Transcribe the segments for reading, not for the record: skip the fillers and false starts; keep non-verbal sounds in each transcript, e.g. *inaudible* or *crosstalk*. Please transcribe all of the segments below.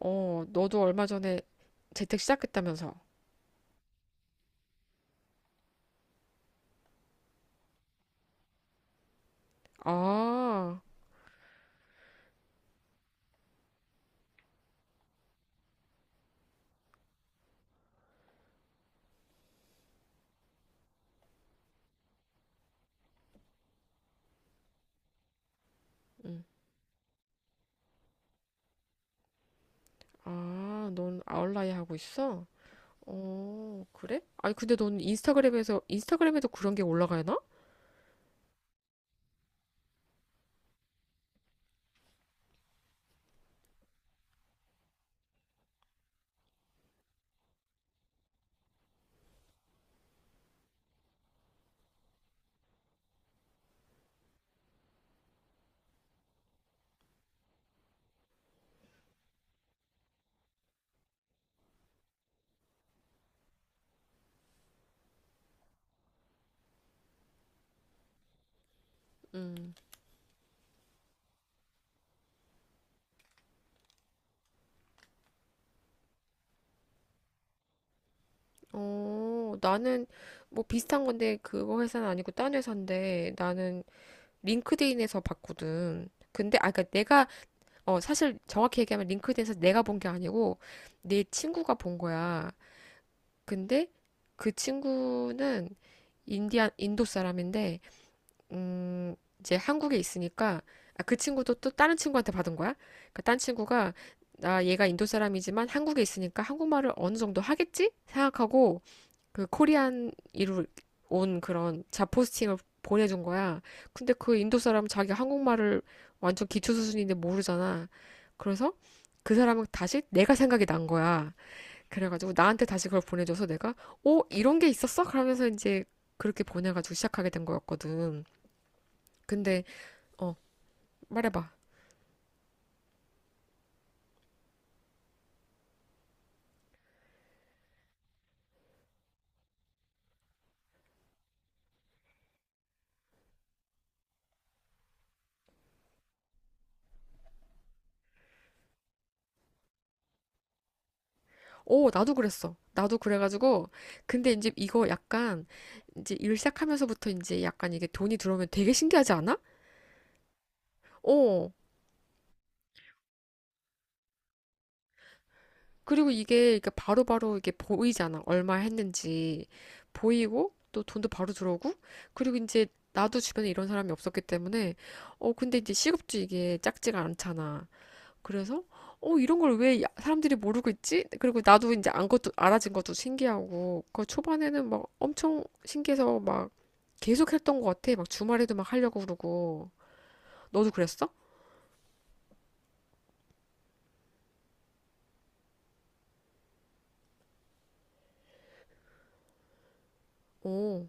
어, 너도 얼마 전에 재택 시작했다면서. 아, 응. 아, 넌 아웃라이 하고 있어? 어, 그래? 아니, 근데 넌 인스타그램에서, 인스타그램에도 그런 게 올라가나? 음. 어, 나는 뭐 비슷한 건데 그거 회사는 아니고 딴 회사인데 나는 링크드인에서 봤거든. 근데 아까 내가 어 사실 정확히 얘기하면 링크드인에서 내가 본 게 아니고 내 친구가 본 거야. 근데 그 친구는 인도 사람인데, 이제 한국에 있으니까, 아, 그 친구도 또 다른 친구한테 받은 거야? 그러니까 딴 친구가, 나 얘가 인도 사람이지만 한국에 있으니까 한국말을 어느 정도 하겠지? 생각하고, 그 코리안 이로 온 그런 자포스팅을 보내준 거야. 근데 그 인도 사람 은 자기 한국말을 완전 기초 수준인데 모르잖아. 그래서 그 사람은 다시 내가 생각이 난 거야. 그래가지고 나한테 다시 그걸 보내줘서 내가 어 이런 게 있었어? 그러면서 이제 그렇게 보내가지고 시작하게 된 거였거든. 근데 어 말해봐. 어 나도 그랬어. 나도 그래가지고 근데 이제 이거 약간 이제 일 시작하면서부터 이제 약간 이게 돈이 들어오면 되게 신기하지 않아? 어 그리고 이게 이렇게 바로바로 이게 보이잖아. 얼마 했는지 보이고 또 돈도 바로 들어오고 그리고 이제 나도 주변에 이런 사람이 없었기 때문에 어 근데 이제 시급도 이게 작지가 않잖아. 그래서 어 이런 걸 왜 사람들이 모르고 있지? 그리고 나도 이제 안 것도 알아진 것도 신기하고 그 초반에는 막 엄청 신기해서 막 계속 했던 것 같아. 막 주말에도 막 하려고 그러고 너도 그랬어? 어.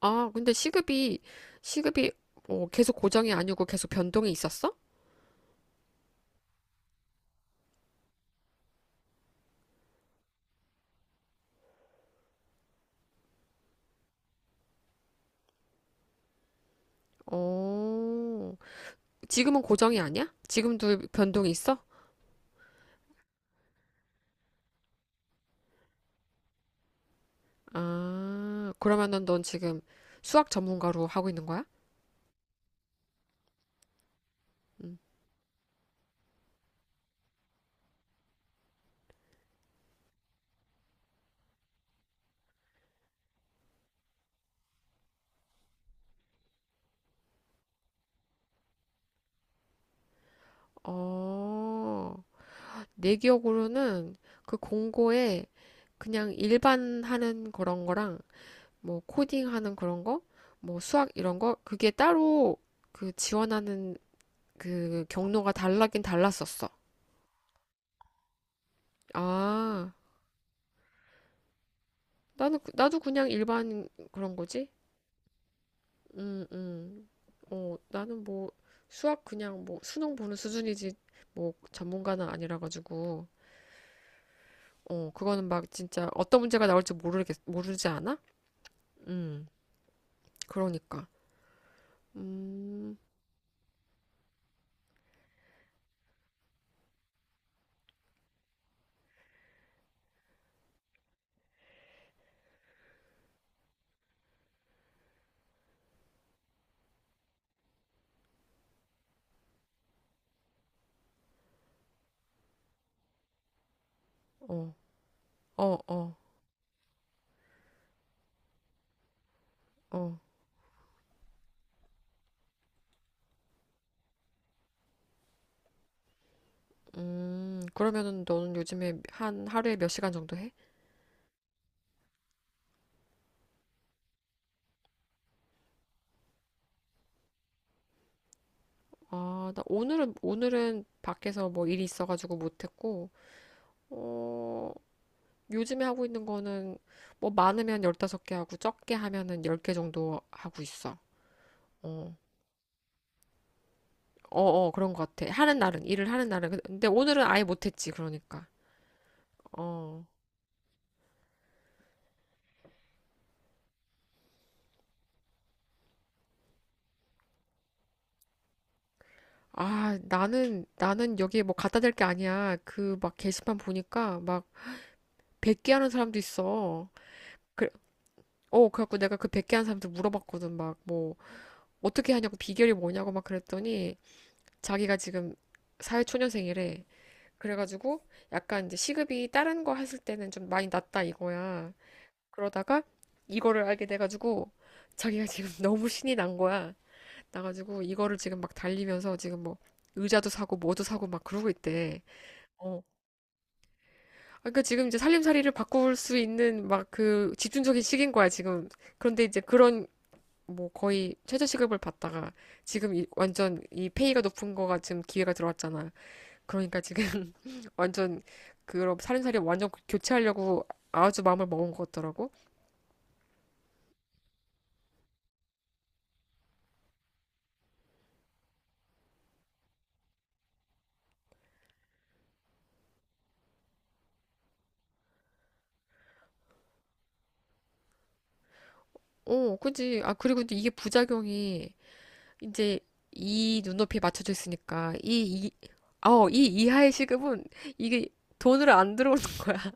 아 근데 시급이 어, 계속 고정이 아니고 계속 변동이 있었어? 어. 지금은 고정이 아니야? 지금도 변동이 있어? 아 그러면은 넌 지금 수학 전문가로 하고 있는 거야? 음. 어. 내 기억으로는 그 공고에 그냥 일반 하는 그런 거랑 뭐 코딩 하는 그런 거, 뭐 수학 이런 거 그게 따로 그 지원하는 그 경로가 달라긴 달랐었어. 아, 나는 나도 그냥 일반 그런 거지. 음, 음. 어, 나는 뭐 수학 그냥 뭐 수능 보는 수준이지 뭐 전문가는 아니라 가지고 어, 그거는 막 진짜 어떤 문제가 나올지 모르겠 모르지 않아? 음. 그러니까. 음, 어, 어, 어, 어. 그러면은 너는 요즘에 한 하루에 몇 시간 정도 해? 아, 나 오늘은, 오늘은 밖에서 뭐 일이 있어가지고 못했고, 어, 요즘에 하고 있는 거는 뭐 많으면 열다섯 개 하고 적게 하면은 열 개 정도 하고 있어. 어, 어, 어, 그런 것 같아. 하는 날은, 일을 하는 날은. 그, 근데 오늘은 아예 못했지, 그러니까. 어. 아, 나는, 나는 여기에 뭐 갖다 댈 게 아니야. 그 막 게시판 보니까 막 100개 하는 사람도 있어. 그래, 어, 그래갖고 내가 그 100개 하는 사람한테 물어봤거든. 막, 뭐, 어떻게 하냐고, 비결이 뭐냐고 막 그랬더니, 자기가 지금 사회초년생이래. 그래가지고, 약간 이제 시급이 다른 거 했을 때는 좀 많이 낮다 이거야. 그러다가, 이거를 알게 돼가지고, 자기가 지금 *laughs* 너무 신이 난 거야. 나가지고, 이거를 지금 막 달리면서 지금 뭐, 의자도 사고, 뭐도 사고 막 그러고 있대. 어, 그러니까 지금 이제 살림살이를 바꿀 수 있는 막 그 집중적인 시기인 거야, 지금. 그런데 이제 그런 뭐 거의 최저시급을 받다가 지금 완전 이 페이가 높은 거가 지금 기회가 들어왔잖아. 그러니까 지금 *laughs* 완전 그런 살림살이 완전 교체하려고 아주 마음을 먹은 것 같더라고. 어, 그지. 아, 그리고 근 이게 부작용이 이제 이 눈높이에 맞춰져 있으니까 이, 이, 어, 이 이하의 시급은 이게 돈으로 안 들어오는 거야.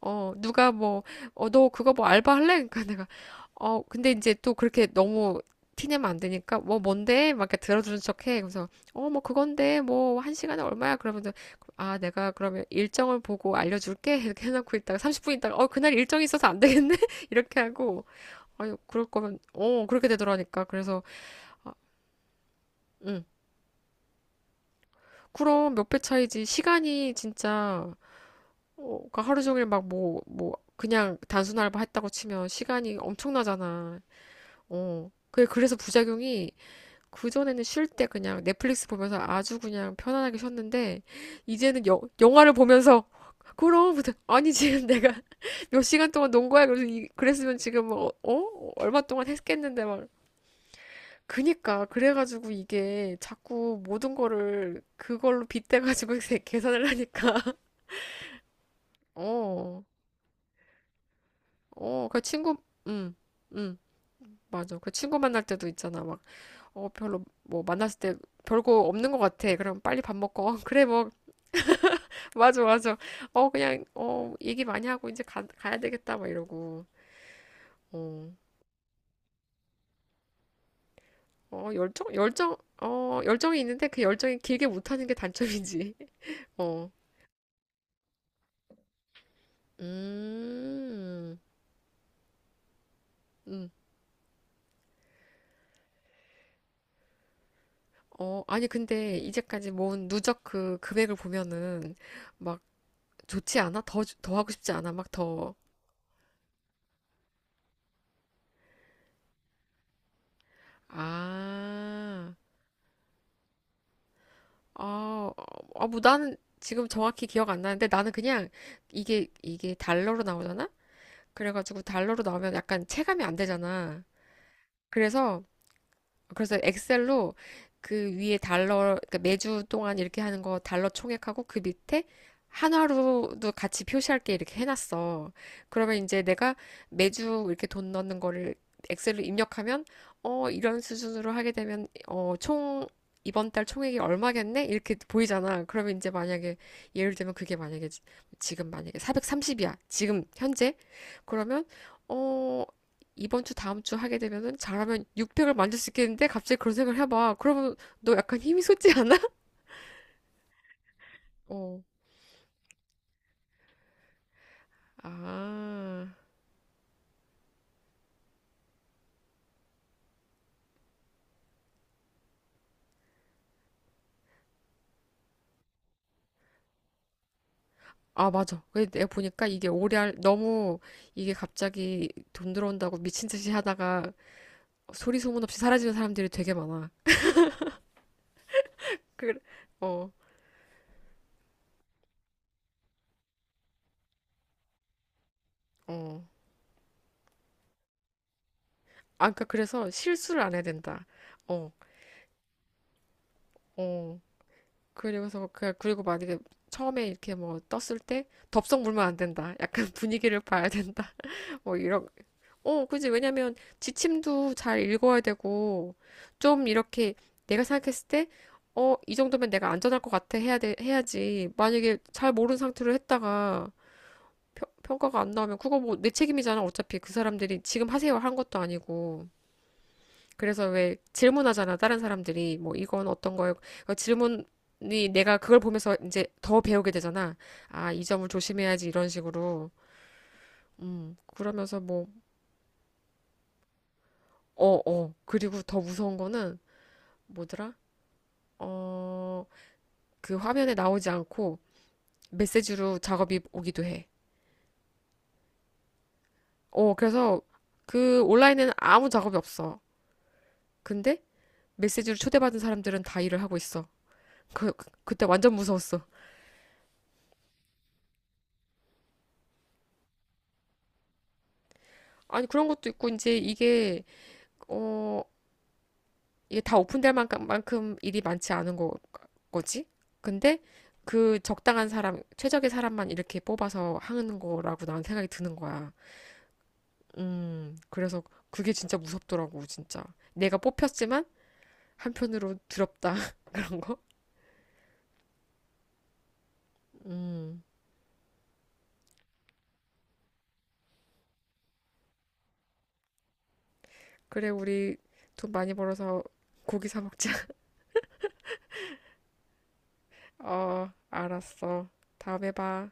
어, 누가 뭐, 어, 너 그거 뭐 알바 할래? 그러니까 내가, 어, 근데 이제 또 그렇게 너무 티내면 안 되니까, 뭐, 뭔데? 막 이렇게 들어주는 척 해. 그래서, 어, 뭐, 그건데, 뭐, 한 시간에 얼마야? 그러면서, 아, 내가 그러면 일정을 보고 알려줄게. *laughs* 이렇게 해놓고 있다가, 30분 있다가, 어, 그날 일정이 있어서 안 되겠네? *laughs* 이렇게 하고, 아유, 그럴 거면, 어, 그렇게 되더라니까. 그래서, 아, 응. 그럼 몇 배 차이지. 시간이 진짜, 어, 그러니까 하루 종일 막 뭐, 뭐, 그냥 단순 알바 했다고 치면 시간이 엄청나잖아. 어. 그게 그래서 부작용이 그전에는 쉴 때 그냥 넷플릭스 보면서 아주 그냥 편안하게 쉬었는데 이제는 영화를 보면서 *laughs* 그럼 무슨 아니 지금 내가 *laughs* 몇 시간 동안 논 거야 그래서 이, 그랬으면 지금 뭐, 어 얼마 동안 했겠는데 막 그니까 그래가지고 이게 자꾸 모든 거를 그걸로 빗대가지고 *laughs* 계산을 하니까 *laughs* 어 어, 그 친구, 응 응 맞아. 그 친구 만날 때도 있잖아. 막, 어, 별로, 뭐, 만났을 때 별거 없는 것 같아. 그럼 빨리 밥 먹고. *laughs* 어, 그래, 뭐, *laughs* 맞아, 맞아. 어, 그냥, 어, 얘기 많이 하고 이제 가야 되겠다. 막 이러고. 어, 어, 열정, 열정, 어, 열정이 있는데 그 열정이 길게 못하는 게 단점이지. *laughs* 어, 음, 음. 어, 아니, 근데 이제까지 모은 누적 그 금액을 보면은 막 좋지 않아? 더, 더 하고 싶지 않아? 막 더. 아, 어, 어, 뭐 나는 지금 정확히 기억 안 나는데 나는 그냥 이게, 이게 달러로 나오잖아? 그래가지고 달러로 나오면 약간 체감이 안 되잖아. 그래서 엑셀로 그 위에 달러, 그러니까 매주 동안 이렇게 하는 거 달러 총액하고 그 밑에 한화로도 같이 표시할 게 이렇게 해놨어. 그러면 이제 내가 매주 이렇게 돈 넣는 거를 엑셀로 입력하면, 어, 이런 수준으로 하게 되면, 어, 총, 이번 달 총액이 얼마겠네? 이렇게 보이잖아. 그러면 이제 만약에, 예를 들면 그게 만약에, 지금 만약에 430이야. 지금, 현재. 그러면, 어, 이번 주 다음 주 하게 되면은 잘하면 6백을 만들 수 있겠는데 갑자기 그런 생각을 해봐. 그러면 너 약간 힘이 솟지 않아? *laughs* 어. 아. 아, 맞아. 근데 내가 보니까 이게 오래 할, 너무 이게 갑자기 돈 들어온다고 미친 듯이 하다가 소리 소문 없이 사라지는 사람들이 되게 많아. 그래. 어. 어. 아, 그니까 그래서 실수를 안 해야 된다. 어. 어. 그리고서 그 그리고 만약에 처음에 이렇게 뭐 떴을 때 덥석 물면 안 된다. 약간 *laughs* 분위기를 봐야 된다. *laughs* 뭐 이런 어, 그지. 왜냐면 지침도 잘 읽어야 되고, 좀 이렇게 내가 생각했을 때, 어, 이 정도면 내가 안전할 것 같아 해야 돼, 해야지. 만약에 잘 모르는 상태로 했다가 평가가 안 나오면 그거 뭐 내 책임이잖아. 어차피 그 사람들이 지금 하세요 한 것도 아니고. 그래서 왜 질문하잖아. 다른 사람들이 뭐 이건 어떤 거예요? 그 질문이 내가 그걸 보면서 이제 더 배우게 되잖아. 아, 이 점을 조심해야지 이런 식으로. 그러면서 뭐, 어, 어. 그리고 더 무서운 거는 뭐더라? 어, 그 화면에 나오지 않고 메시지로 작업이 오기도 해. 어, 그래서 그 온라인에는 아무 작업이 없어. 근데 메시지로 초대받은 사람들은 다 일을 하고 있어. 그, 그때 완전 무서웠어. 아니, 그런 것도 있고, 이제 이게, 어, 이게 다 오픈될 만큼, 만큼 일이 많지 않은 거, 거지? 근데 그 적당한 사람, 최적의 사람만 이렇게 뽑아서 하는 거라고 나는 생각이 드는 거야. 그래서 그게 진짜 무섭더라고, 진짜. 내가 뽑혔지만 한편으로 두렵다, *laughs* 그런 거. 음, 그래, 우리 돈 많이 벌어서 고기 사 먹자. *laughs* 어, 알았어. 다음에 봐.